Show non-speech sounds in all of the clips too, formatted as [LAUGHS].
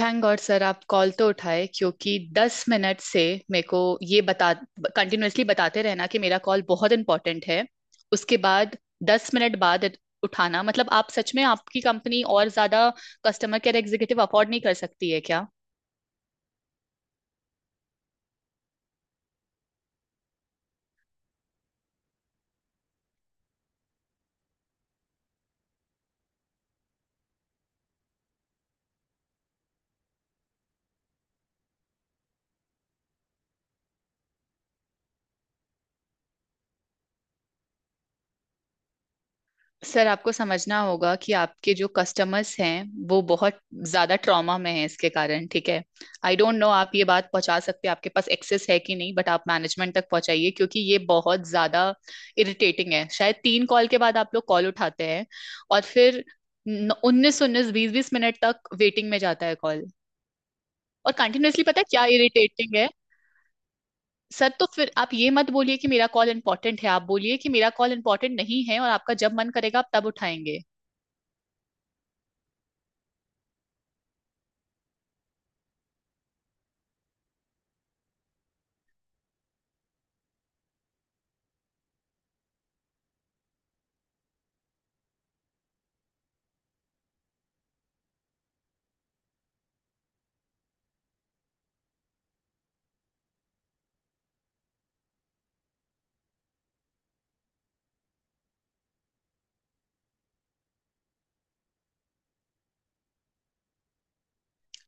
Thank God sir, आप call तो उठाए क्योंकि 10 मिनट से मेरे को ये बता कंटिन्यूअसली बताते रहना कि मेरा कॉल बहुत इंपॉर्टेंट है। उसके बाद 10 मिनट बाद उठाना मतलब आप सच में आपकी कंपनी और ज्यादा कस्टमर केयर एग्जीक्यूटिव अफोर्ड नहीं कर सकती है। सर, आपको समझना होगा कि आपके जो कस्टमर्स हैं वो बहुत ज्यादा ट्रॉमा में हैं इसके कारण। ठीक है, आई डोंट नो आप ये बात पहुंचा सकते हैं, आपके पास एक्सेस है कि नहीं, बट आप मैनेजमेंट तक पहुंचाइए क्योंकि ये बहुत ज्यादा इरिटेटिंग है। शायद तीन कॉल के बाद आप लोग कॉल उठाते हैं और फिर 19 19 20 20 मिनट तक वेटिंग में जाता है कॉल, और कंटिन्यूअसली पता है क्या इरिटेटिंग है। सर तो फिर आप ये मत बोलिए कि मेरा कॉल इंपॉर्टेंट है, आप बोलिए कि मेरा कॉल इंपॉर्टेंट नहीं है और आपका जब मन करेगा आप तब उठाएंगे।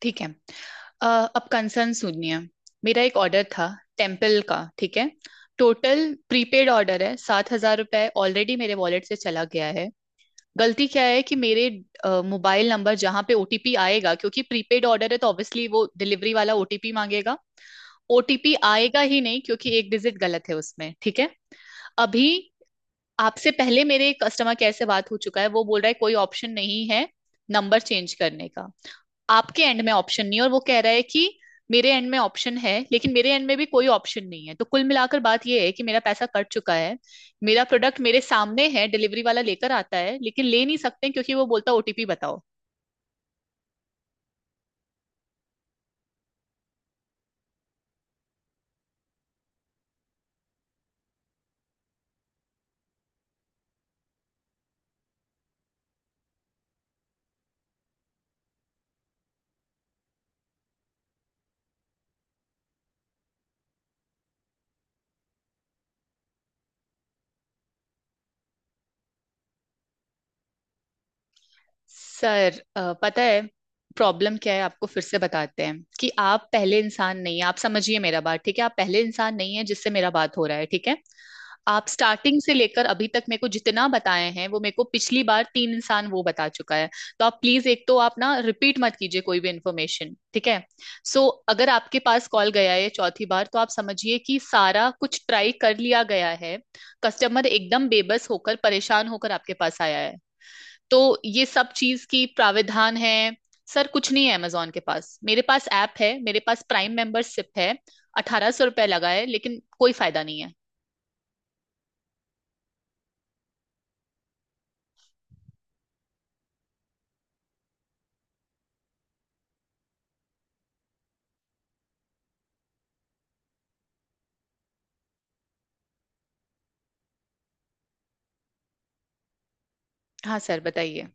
ठीक है। अ, अब कंसर्न सुनिए। मेरा एक ऑर्डर था टेम्पल का, ठीक है। टोटल प्रीपेड ऑर्डर है, 7,000 रुपये ऑलरेडी मेरे वॉलेट से चला गया है। गलती क्या है कि मेरे मोबाइल नंबर जहाँ पे ओटीपी आएगा, क्योंकि प्रीपेड ऑर्डर है तो ऑब्वियसली वो डिलीवरी वाला ओटीपी मांगेगा। ओटीपी आएगा ही नहीं क्योंकि एक डिजिट गलत है उसमें, ठीक है। अभी आपसे पहले मेरे कस्टमर केयर से बात हो चुका है, वो बोल रहा है कोई ऑप्शन नहीं है नंबर चेंज करने का। आपके एंड में ऑप्शन नहीं है और वो कह रहा है कि मेरे एंड में ऑप्शन है, लेकिन मेरे एंड में भी कोई ऑप्शन नहीं है। तो कुल मिलाकर बात यह है कि मेरा पैसा कट चुका है, मेरा प्रोडक्ट मेरे सामने है, डिलीवरी वाला लेकर आता है लेकिन ले नहीं सकते क्योंकि वो बोलता ओटीपी बताओ। सर पता है प्रॉब्लम क्या है? आपको फिर से बताते हैं कि आप पहले इंसान नहीं है, आप समझिए मेरा बात, ठीक है? आप पहले इंसान नहीं है जिससे मेरा बात हो रहा है, ठीक है। आप स्टार्टिंग से लेकर अभी तक मेरे को जितना बताए हैं वो मेरे को पिछली बार तीन इंसान वो बता चुका है। तो आप प्लीज, एक तो आप ना रिपीट मत कीजिए कोई भी इन्फॉर्मेशन, ठीक है। सो अगर आपके पास कॉल गया है चौथी बार तो आप समझिए कि सारा कुछ ट्राई कर लिया गया है। कस्टमर एकदम बेबस होकर परेशान होकर आपके पास आया है। तो ये सब चीज की प्राविधान है। सर, कुछ नहीं है अमेजोन के पास। मेरे पास ऐप है, मेरे पास प्राइम मेंबरशिप है, 1,800 रुपये लगा है, लेकिन कोई फायदा नहीं है। हाँ सर, बताइए।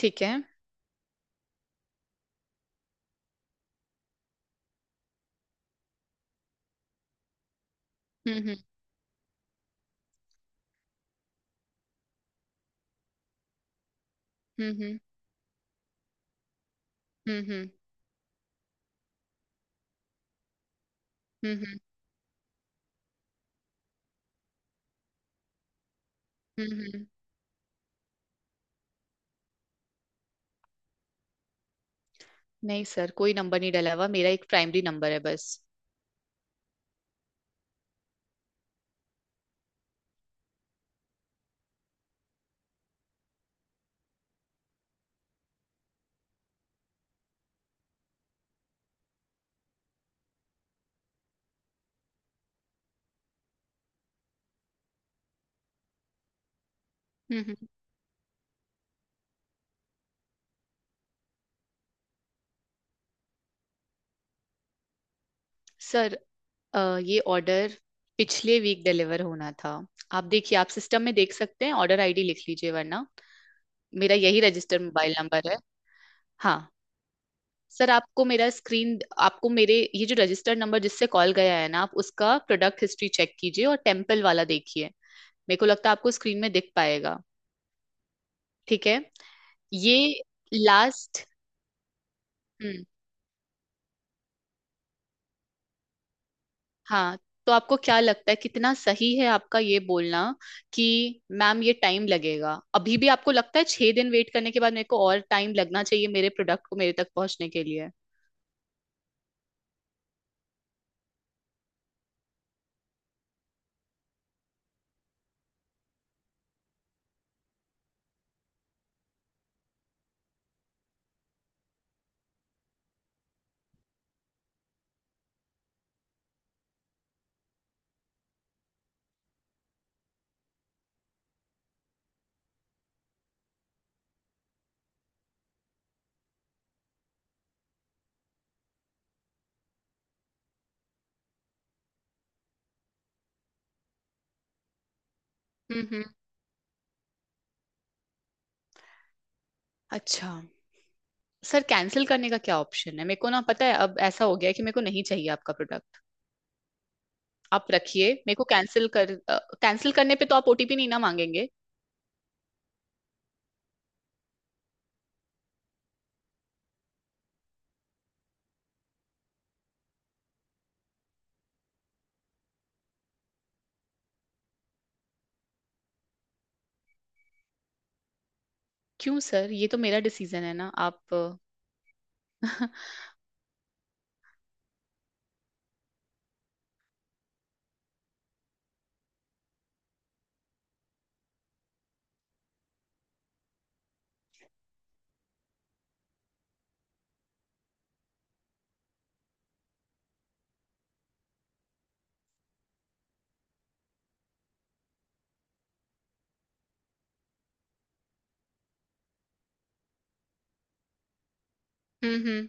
ठीक है। हम्म, हम्म, हम्म, हम्म, हम्म, हम्म, हम्म, नहीं सर, कोई नंबर नहीं डला हुआ, मेरा एक प्राइमरी नंबर है बस। हम्म, सर ये ऑर्डर पिछले वीक डिलीवर होना था। आप देखिए, आप सिस्टम में देख सकते हैं, ऑर्डर आईडी लिख लीजिए वरना, मेरा यही रजिस्टर मोबाइल नंबर है। हाँ सर, आपको मेरा स्क्रीन, आपको मेरे ये जो रजिस्टर नंबर जिससे कॉल गया है ना, आप उसका प्रोडक्ट हिस्ट्री चेक कीजिए और टेम्पल वाला देखिए। मेरे को लगता है आपको स्क्रीन में दिख पाएगा, ठीक है। ये लास्ट। हम्म। हाँ तो आपको क्या लगता है, कितना सही है आपका ये बोलना कि मैम ये टाइम लगेगा? अभी भी आपको लगता है 6 दिन वेट करने के बाद मेरे को और टाइम लगना चाहिए मेरे प्रोडक्ट को मेरे तक पहुंचने के लिए? हम्म, हम्म। अच्छा, सर कैंसिल करने का क्या ऑप्शन है? मेरे को ना पता है अब ऐसा हो गया है कि मेरे को नहीं चाहिए आपका प्रोडक्ट, आप रखिए। मेरे को कैंसिल कर, कैंसिल करने पे तो आप ओटीपी नहीं ना मांगेंगे? क्यों सर, ये तो मेरा डिसीजन है ना आप। [LAUGHS] हम्म, हम्म।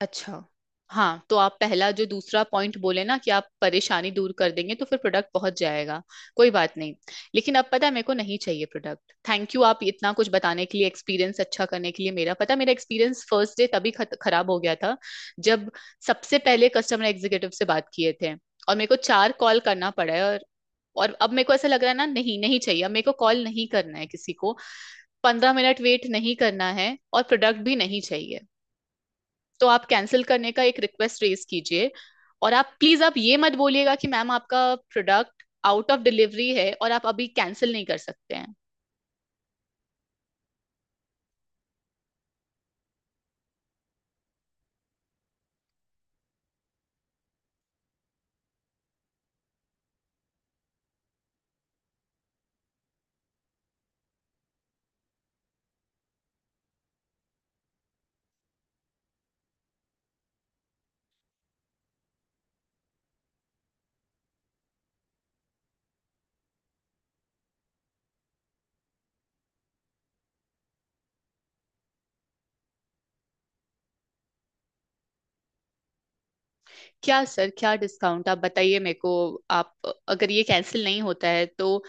अच्छा। हाँ तो आप पहला जो दूसरा पॉइंट बोले ना, कि आप परेशानी दूर कर देंगे तो फिर प्रोडक्ट पहुंच जाएगा, कोई बात नहीं। लेकिन अब पता है, मेरे को नहीं चाहिए प्रोडक्ट। थैंक यू आप इतना कुछ बताने के लिए, एक्सपीरियंस अच्छा करने के लिए। मेरा पता है, मेरा एक्सपीरियंस फर्स्ट डे तभी खराब हो गया था, जब सबसे पहले कस्टमर एग्जीक्यूटिव से बात किए थे। और मेरे को चार कॉल करना पड़ा है और अब मेरे को ऐसा लग रहा है ना, नहीं नहीं चाहिए। अब मेरे को कॉल नहीं करना है किसी को, 15 मिनट वेट नहीं करना है, और प्रोडक्ट भी नहीं चाहिए। तो आप कैंसिल करने का एक रिक्वेस्ट रेज कीजिए। और आप प्लीज आप ये मत बोलिएगा कि मैम आपका प्रोडक्ट आउट ऑफ डिलीवरी है और आप अभी कैंसिल नहीं कर सकते हैं। क्या सर, क्या डिस्काउंट? आप बताइए मेरे को। आप, अगर ये कैंसिल नहीं होता है तो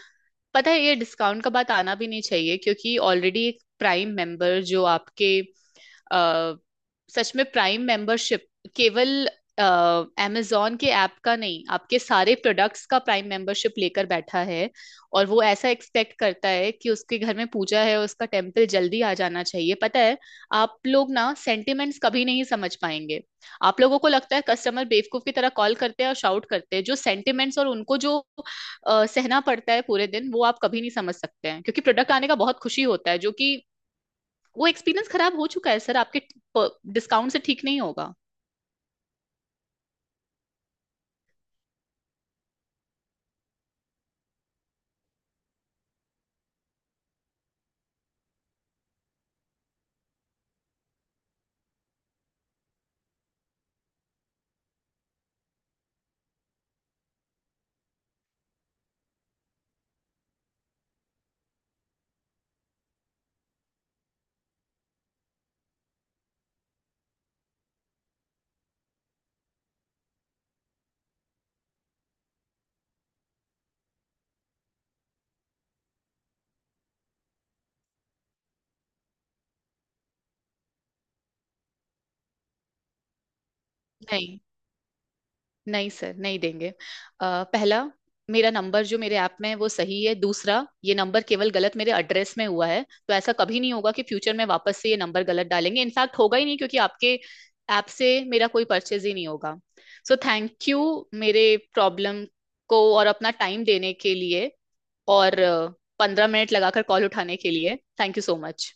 पता है, ये डिस्काउंट का बात आना भी नहीं चाहिए, क्योंकि ऑलरेडी एक प्राइम मेंबर जो आपके अ, सच में प्राइम मेंबरशिप केवल अमेजोन के ऐप का नहीं, आपके सारे प्रोडक्ट्स का प्राइम मेंबरशिप लेकर बैठा है। और वो ऐसा एक्सपेक्ट करता है कि उसके घर में पूजा है, उसका टेम्पल जल्दी आ जाना चाहिए, पता है। आप लोग ना सेंटिमेंट्स कभी नहीं समझ पाएंगे। आप लोगों को लगता है कस्टमर बेवकूफ की तरह कॉल करते हैं और शाउट करते हैं। जो सेंटिमेंट्स और उनको जो सहना पड़ता है पूरे दिन, वो आप कभी नहीं समझ सकते हैं, क्योंकि प्रोडक्ट आने का बहुत खुशी होता है। जो कि वो एक्सपीरियंस खराब हो चुका है, सर आपके डिस्काउंट से ठीक नहीं होगा। नहीं, नहीं सर, नहीं देंगे। पहला, मेरा नंबर जो मेरे ऐप में है वो सही है। दूसरा, ये नंबर केवल गलत मेरे एड्रेस में हुआ है, तो ऐसा कभी नहीं होगा कि फ्यूचर में वापस से ये नंबर गलत डालेंगे। इनफैक्ट होगा ही नहीं, क्योंकि आपके ऐप से मेरा कोई परचेज ही नहीं होगा। सो थैंक यू मेरे प्रॉब्लम को और अपना टाइम देने के लिए, और 15 मिनट लगाकर कॉल उठाने के लिए। Thank you so much.